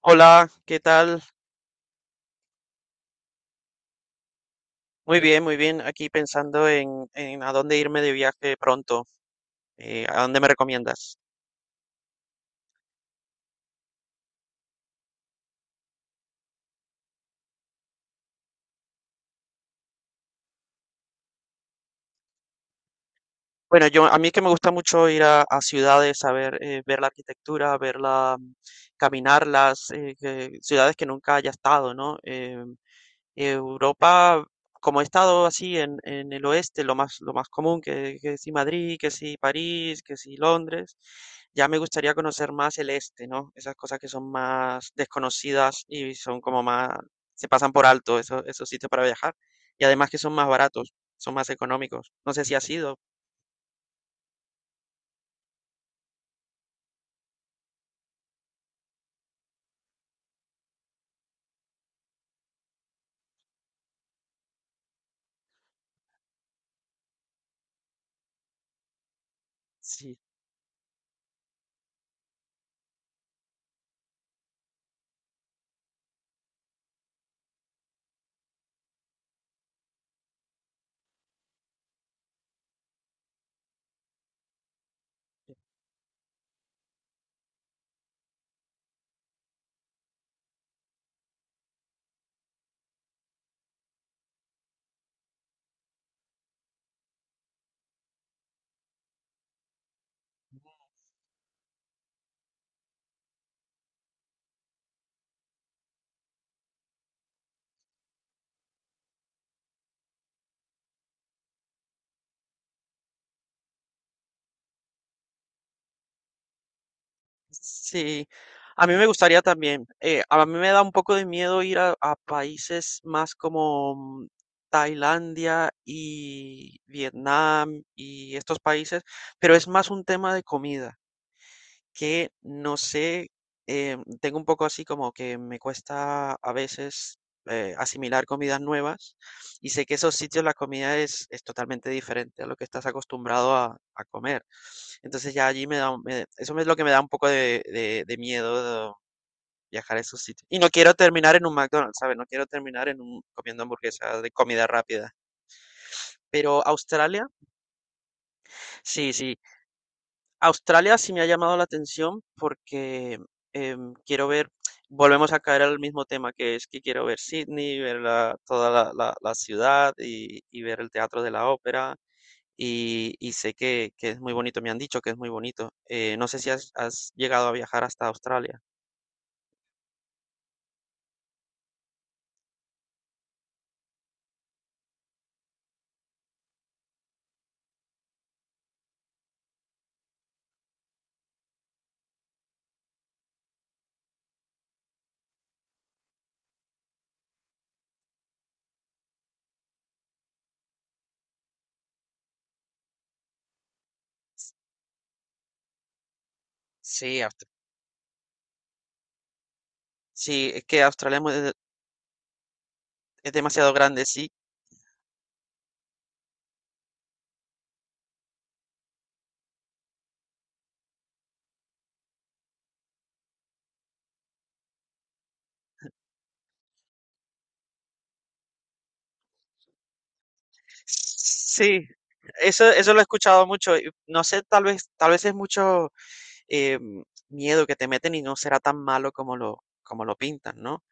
Hola, ¿qué tal? Muy bien, muy bien. Aquí pensando en a dónde irme de viaje pronto. ¿A dónde me recomiendas? Bueno, yo a mí que me gusta mucho ir a ciudades, a ver, ver la arquitectura, verla, caminarlas, ciudades que nunca haya estado, ¿no? Europa, como he estado así en el oeste, lo más común, que si Madrid, que si París, que si Londres, ya me gustaría conocer más el este, ¿no? Esas cosas que son más desconocidas y son como más, se pasan por alto esos sitios para viajar. Y además que son más baratos, son más económicos. No sé si ha sido, sí. Sí, a mí me gustaría también. A mí me da un poco de miedo ir a países más como Tailandia y Vietnam y estos países, pero es más un tema de comida. Que no sé, tengo un poco así como que me cuesta a veces asimilar comidas nuevas y sé que esos sitios la comida es totalmente diferente a lo que estás acostumbrado a comer. Entonces ya allí me da, un- me- eso es lo que me da un poco de miedo de viajar a esos sitios. Y no quiero terminar en un McDonald's, ¿sabes? No quiero terminar comiendo hamburguesas de comida rápida. Pero Australia, sí, sí. Australia sí me ha llamado la atención porque, em, quiero ver volvemos a caer al mismo tema, que es que quiero ver Sydney, ver la toda la la la ciudad y ver el Teatro de la Ópera, y sé que es muy bonito, me han dicho que es muy bonito. No sé si has llegado a viajar hasta Australia. Sí, Aust sí, es que Australia es muy de es demasiado grande, sí. Sí, eso lo he escuchado mucho, y no sé, tal vez es mucho eh, miedo que te meten y no será tan malo como lo pintan, ¿no?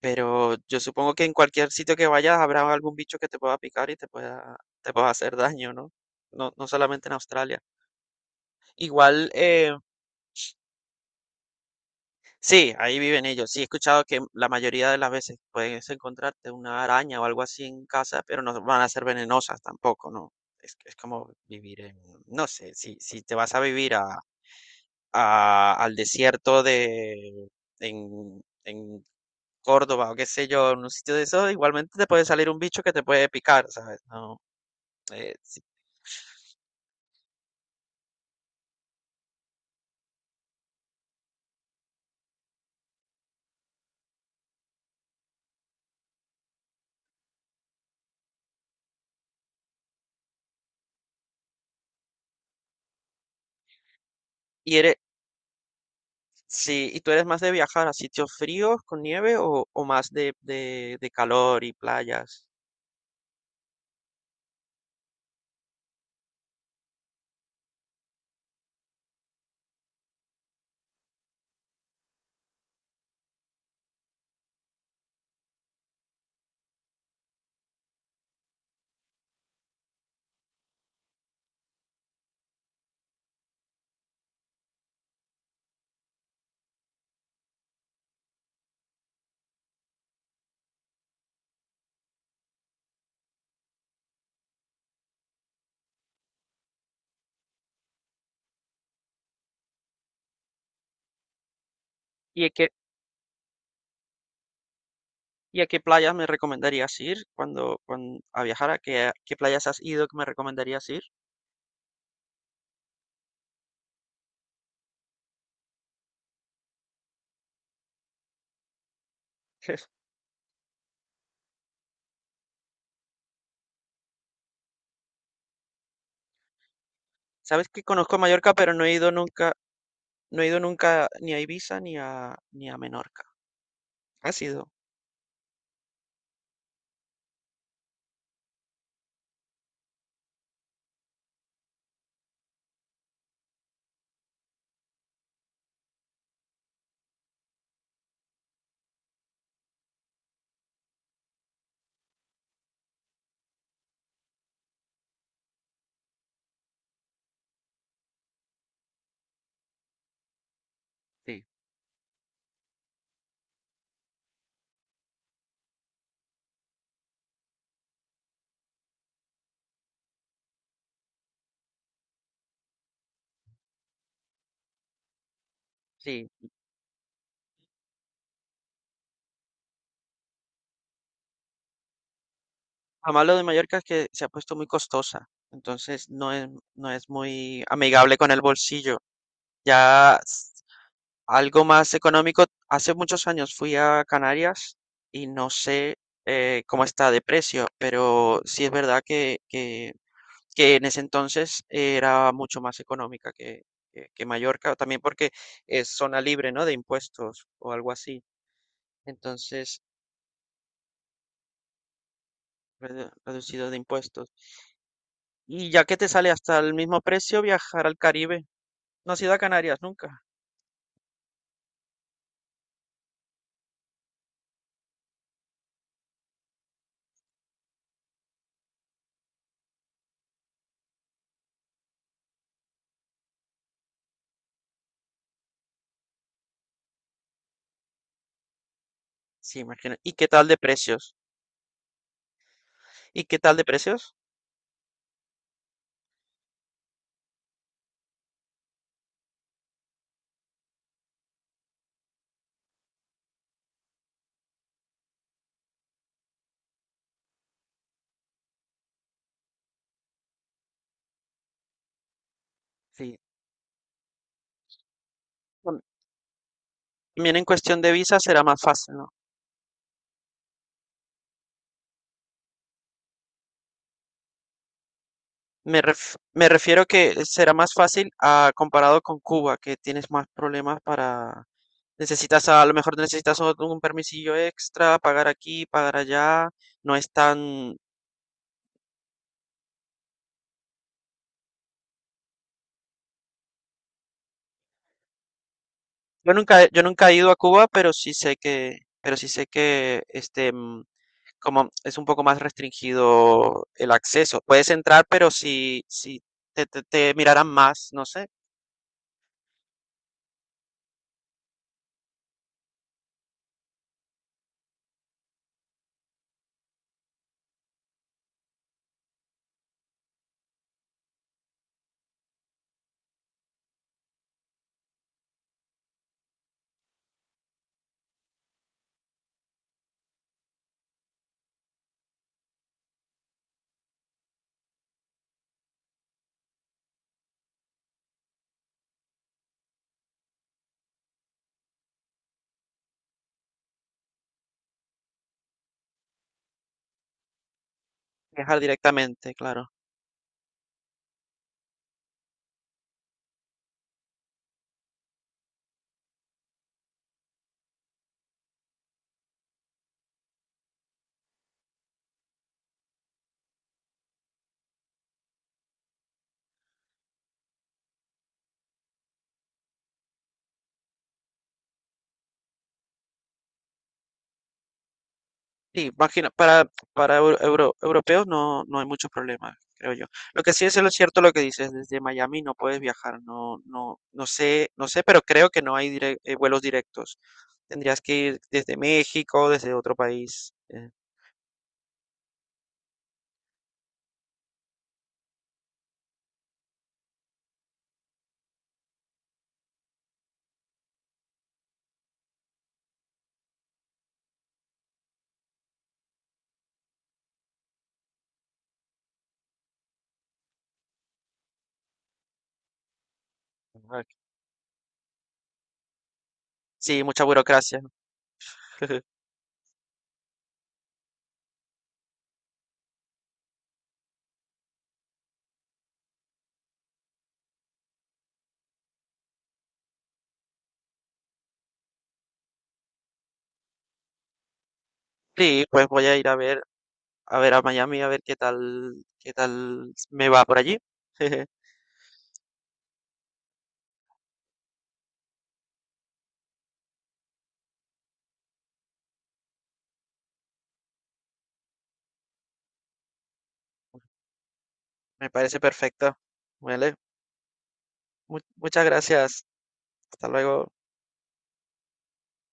Pero yo supongo que en cualquier sitio que vayas habrá algún bicho que te pueda picar y te pueda hacer daño, ¿no? No, no solamente en Australia. Igual, sí, ahí viven ellos. Sí, he escuchado que la mayoría de las veces puedes encontrarte una araña o algo así en casa, pero no van a ser venenosas tampoco, ¿no? Es como vivir en, no sé, si te vas a vivir al desierto de, en Córdoba o qué sé yo, en un sitio de eso igualmente te puede salir un bicho que te puede picar, ¿sabes? No, eh, si- y eres, sí, y tú eres más de viajar a sitios fríos con nieve o más de calor y playas. ¿Y a qué, y a qué playas me recomendarías ir cuando a viajar? ¿A qué playas has ido que me recomendarías ir? Sabes que conozco Mallorca, pero no he ido nunca ni a Ibiza ni a Menorca. ¿Has ido? Sí, sí. Lo malo de Mallorca es que se ha puesto muy costosa, entonces no es muy amigable con el bolsillo. Ya s- Algo más económico, hace muchos años fui a Canarias y no sé cómo está de precio, pero sí es verdad que en ese entonces era mucho más económica que Mallorca, también porque es zona libre, ¿no? De impuestos o algo así. Entonces, reducido de impuestos. Y ya que te sale hasta el mismo precio, viajar al Caribe. No has ido a Canarias nunca. Sí, imagino. ¿Y qué tal de precios? ¿Y qué tal de precios? Sí. Tam- También en cuestión de visa será más fácil, ¿no? Me refiero que será más fácil comparado con Cuba, que tienes más problemas para. A lo mejor necesitas un permisillo extra, pagar aquí, pagar allá. No es tan, yo nunca he ido a Cuba, pero sí sé que, pero sí sé que este, como es un poco más restringido el acceso. Puedes entrar, pero si te mirarán más, no sé, viajar directamente, claro. Sí, imagino, europeos no hay muchos problemas, creo yo. Lo que sí es lo cierto lo que dices, desde Miami no puedes viajar, no, no, no sé, pero creo que no hay vuelos directos. Tendrías que ir desde México, desde otro país. eh. Sí, mucha burocracia. Sí, pues voy a ir a ver, a Miami, a ver qué tal me va por allí. Me parece perfecto. Vale. Muchas gracias. Hasta luego.